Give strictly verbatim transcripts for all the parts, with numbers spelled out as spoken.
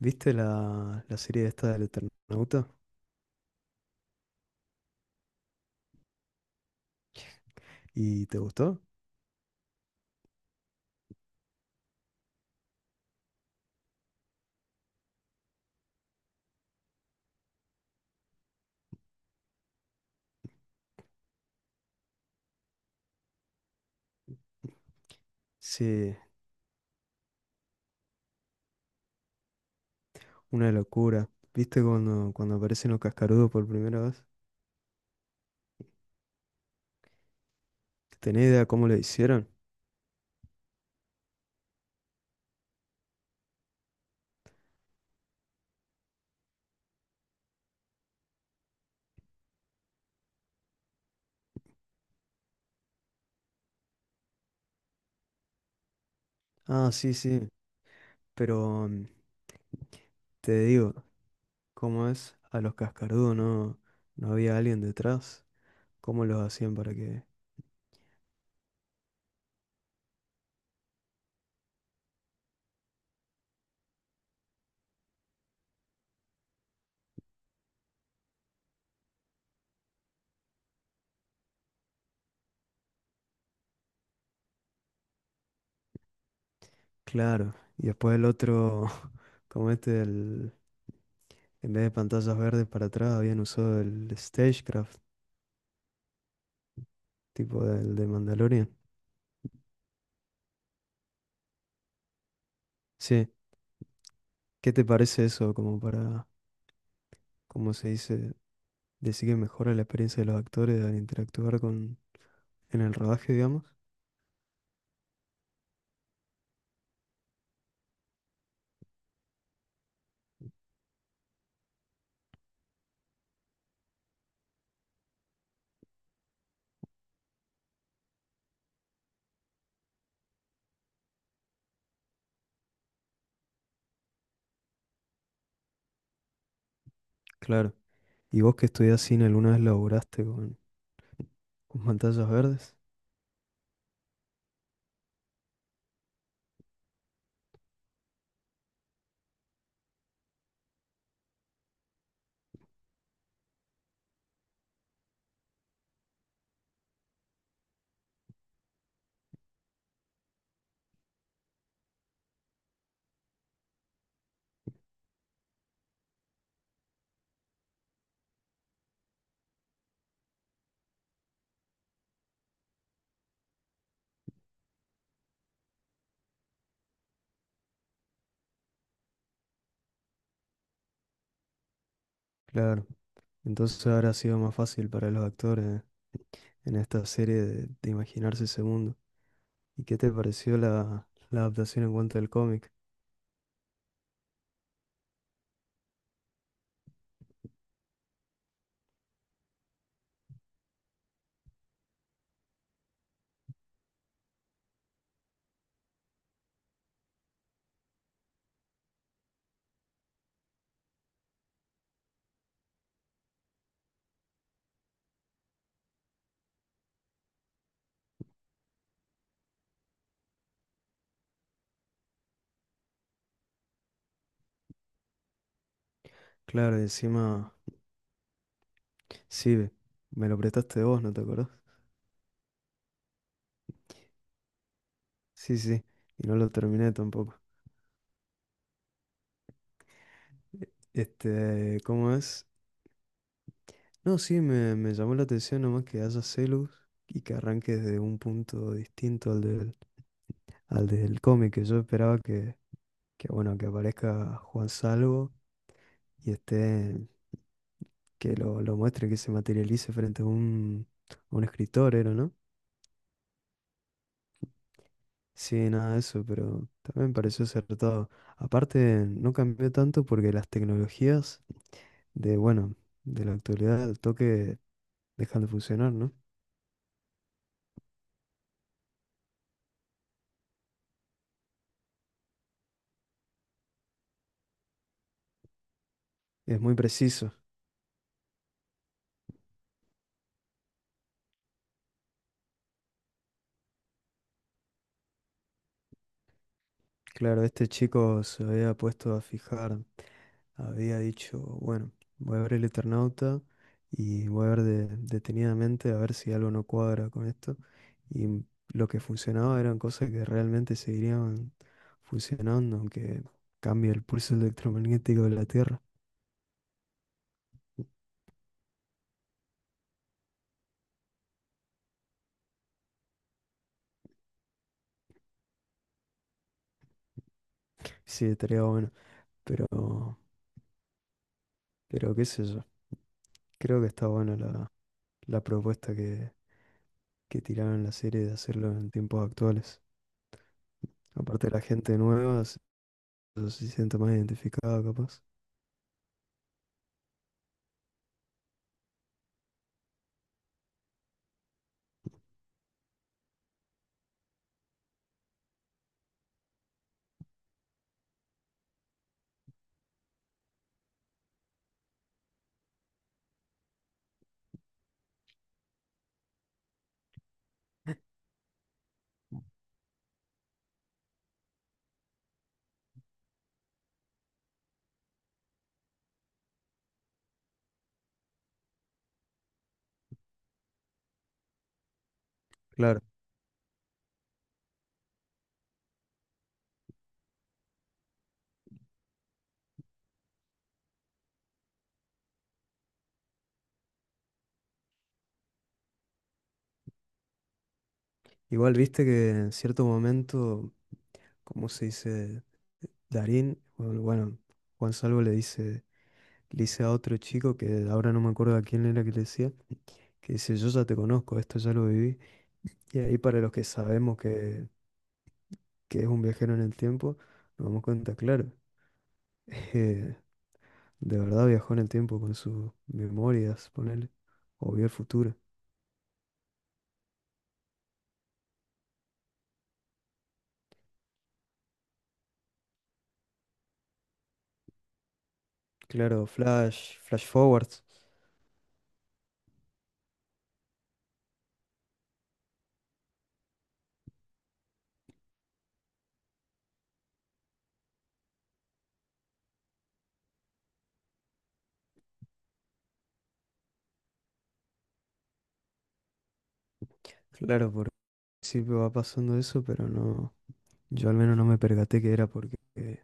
¿Viste la, la serie esta del Eternauta? ¿Y te gustó? Sí, una locura. ¿Viste cuando, cuando aparecen los cascarudos por primera vez? ¿Tenés idea cómo lo hicieron? Ah, sí, sí. Pero mm, te digo, ¿cómo es? A los cascarudos no, no había alguien detrás. ¿Cómo los hacían para que...? Claro. Y después el otro, como este, el... en vez de pantallas verdes para atrás, habían usado el Stagecraft, tipo del de Mandalorian. Sí. ¿Qué te parece eso como para, cómo se dice, decir que mejora la experiencia de los actores al interactuar con... en el rodaje, digamos? Claro. ¿Y vos que estudiás cine alguna vez laburaste con, con pantallas verdes? Claro. Entonces habrá sido más fácil para los actores en esta serie de de imaginarse ese mundo. ¿Y qué te pareció la, la adaptación en cuanto al cómic? Claro, y encima, sí, ve, me lo prestaste vos, ¿no te acordás? Sí, sí, y no lo terminé tampoco. E- Este, ¿cómo es? No, sí, me, me llamó la atención nomás que haya Celus y que arranque desde un punto distinto al del, al del cómic, que yo esperaba que, que, bueno, que aparezca Juan Salvo y este, que lo, lo muestre, que se materialice frente a un, a un escritor, ¿era, no? Sí, nada de eso, pero también me pareció acertado. Aparte, no cambió tanto porque las tecnologías de, bueno, de la actualidad al toque dejan de funcionar, ¿no? Es muy preciso. Claro, este chico se había puesto a fijar, había dicho, bueno, voy a ver el Eternauta y voy a ver de- detenidamente a ver si algo no cuadra con esto. Y lo que funcionaba eran cosas que realmente seguirían funcionando, aunque cambie el pulso electromagnético de la Tierra. Sí, estaría bueno, pero, pero qué sé yo. Creo que está buena la, la propuesta que, que tiraron en la serie de hacerlo en tiempos actuales. Aparte la gente nueva se, se siente más identificada, capaz. Claro. Igual viste que en cierto momento, como se dice, Darín, bueno, bueno, Juan Salvo le dice, le dice a otro chico que ahora no me acuerdo a quién era que le decía, que dice, yo ya te conozco, esto ya lo viví. Y ahí para los que sabemos que que es un viajero en el tiempo, nos damos cuenta, claro, eh, de verdad viajó en el tiempo con sus memorias, ponele, o vio el futuro. Claro, flash, flash forwards. Claro, por principio va pasando eso, pero no, yo al menos no me percaté que era porque eh,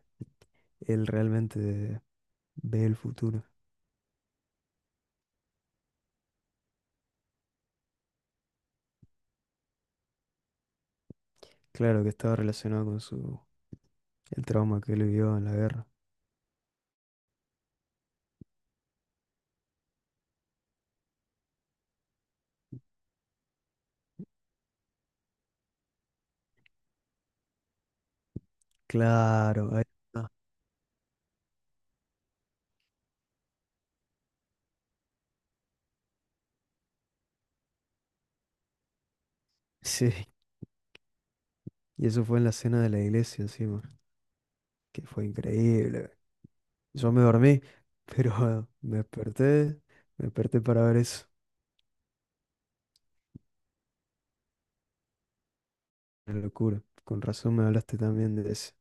él realmente ve el futuro. Claro que estaba relacionado con su el trauma que él vivió en la guerra. Claro, ahí está. Sí, y eso fue en la cena de la iglesia encima, que fue increíble. Yo me dormí, pero me desperté, me desperté para ver eso. Una locura. Con razón me hablaste también de eso.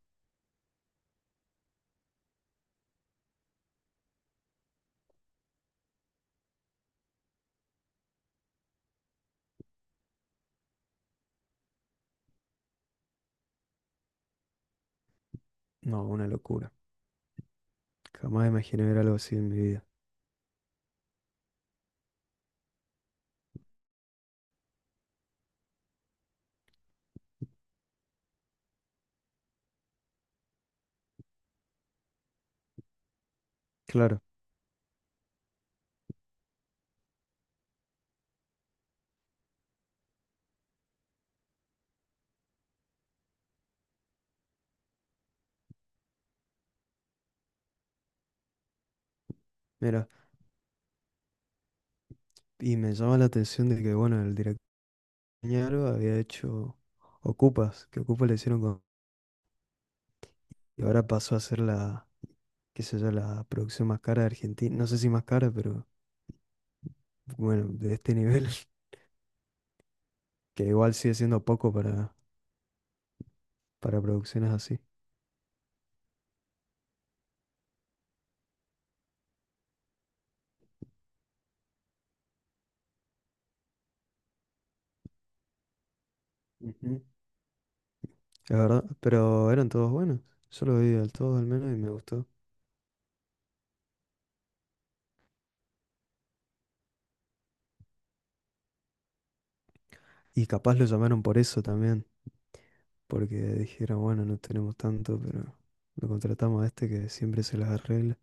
No, una locura. Jamás imaginé ver algo así en mi vida. Claro, mira, y me llama la atención de que, bueno, el director Ñaro había hecho Ocupas, que Ocupas le hicieron con... Y ahora pasó a ser la, qué sé yo, la producción más cara de Argentina. No sé si más cara, pero bueno, de este nivel, que igual sigue siendo poco para, para producciones así. Ujú. La verdad, pero eran todos buenos. Yo lo vi al todos al menos y me gustó. Y capaz lo llamaron por eso también, porque dijeron, bueno, no tenemos tanto, pero lo contratamos a este que siempre se las arregla.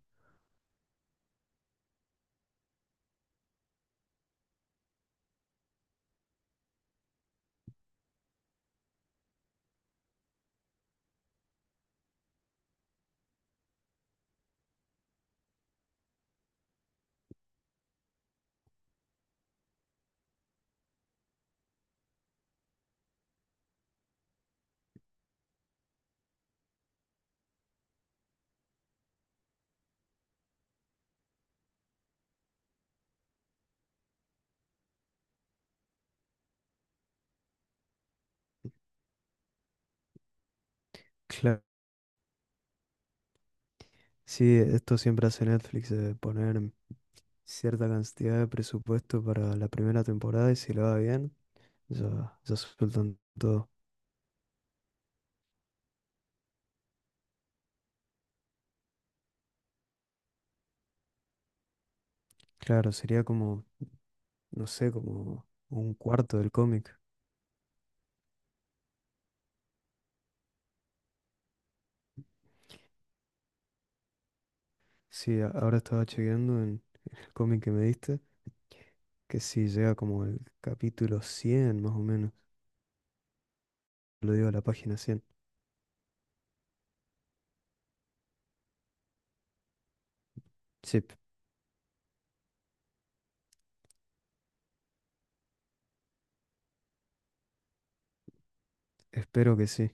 Claro. Sí, esto siempre hace Netflix, de poner cierta cantidad de presupuesto para la primera temporada y si lo va bien, ya, ya sueltan todo. Claro, sería como, no sé, como un cuarto del cómic. Sí, a- ahora estaba chequeando en el cómic que me diste, que sí, llega como el capítulo cien más o menos. Lo digo a la página cien. Sí, espero que sí.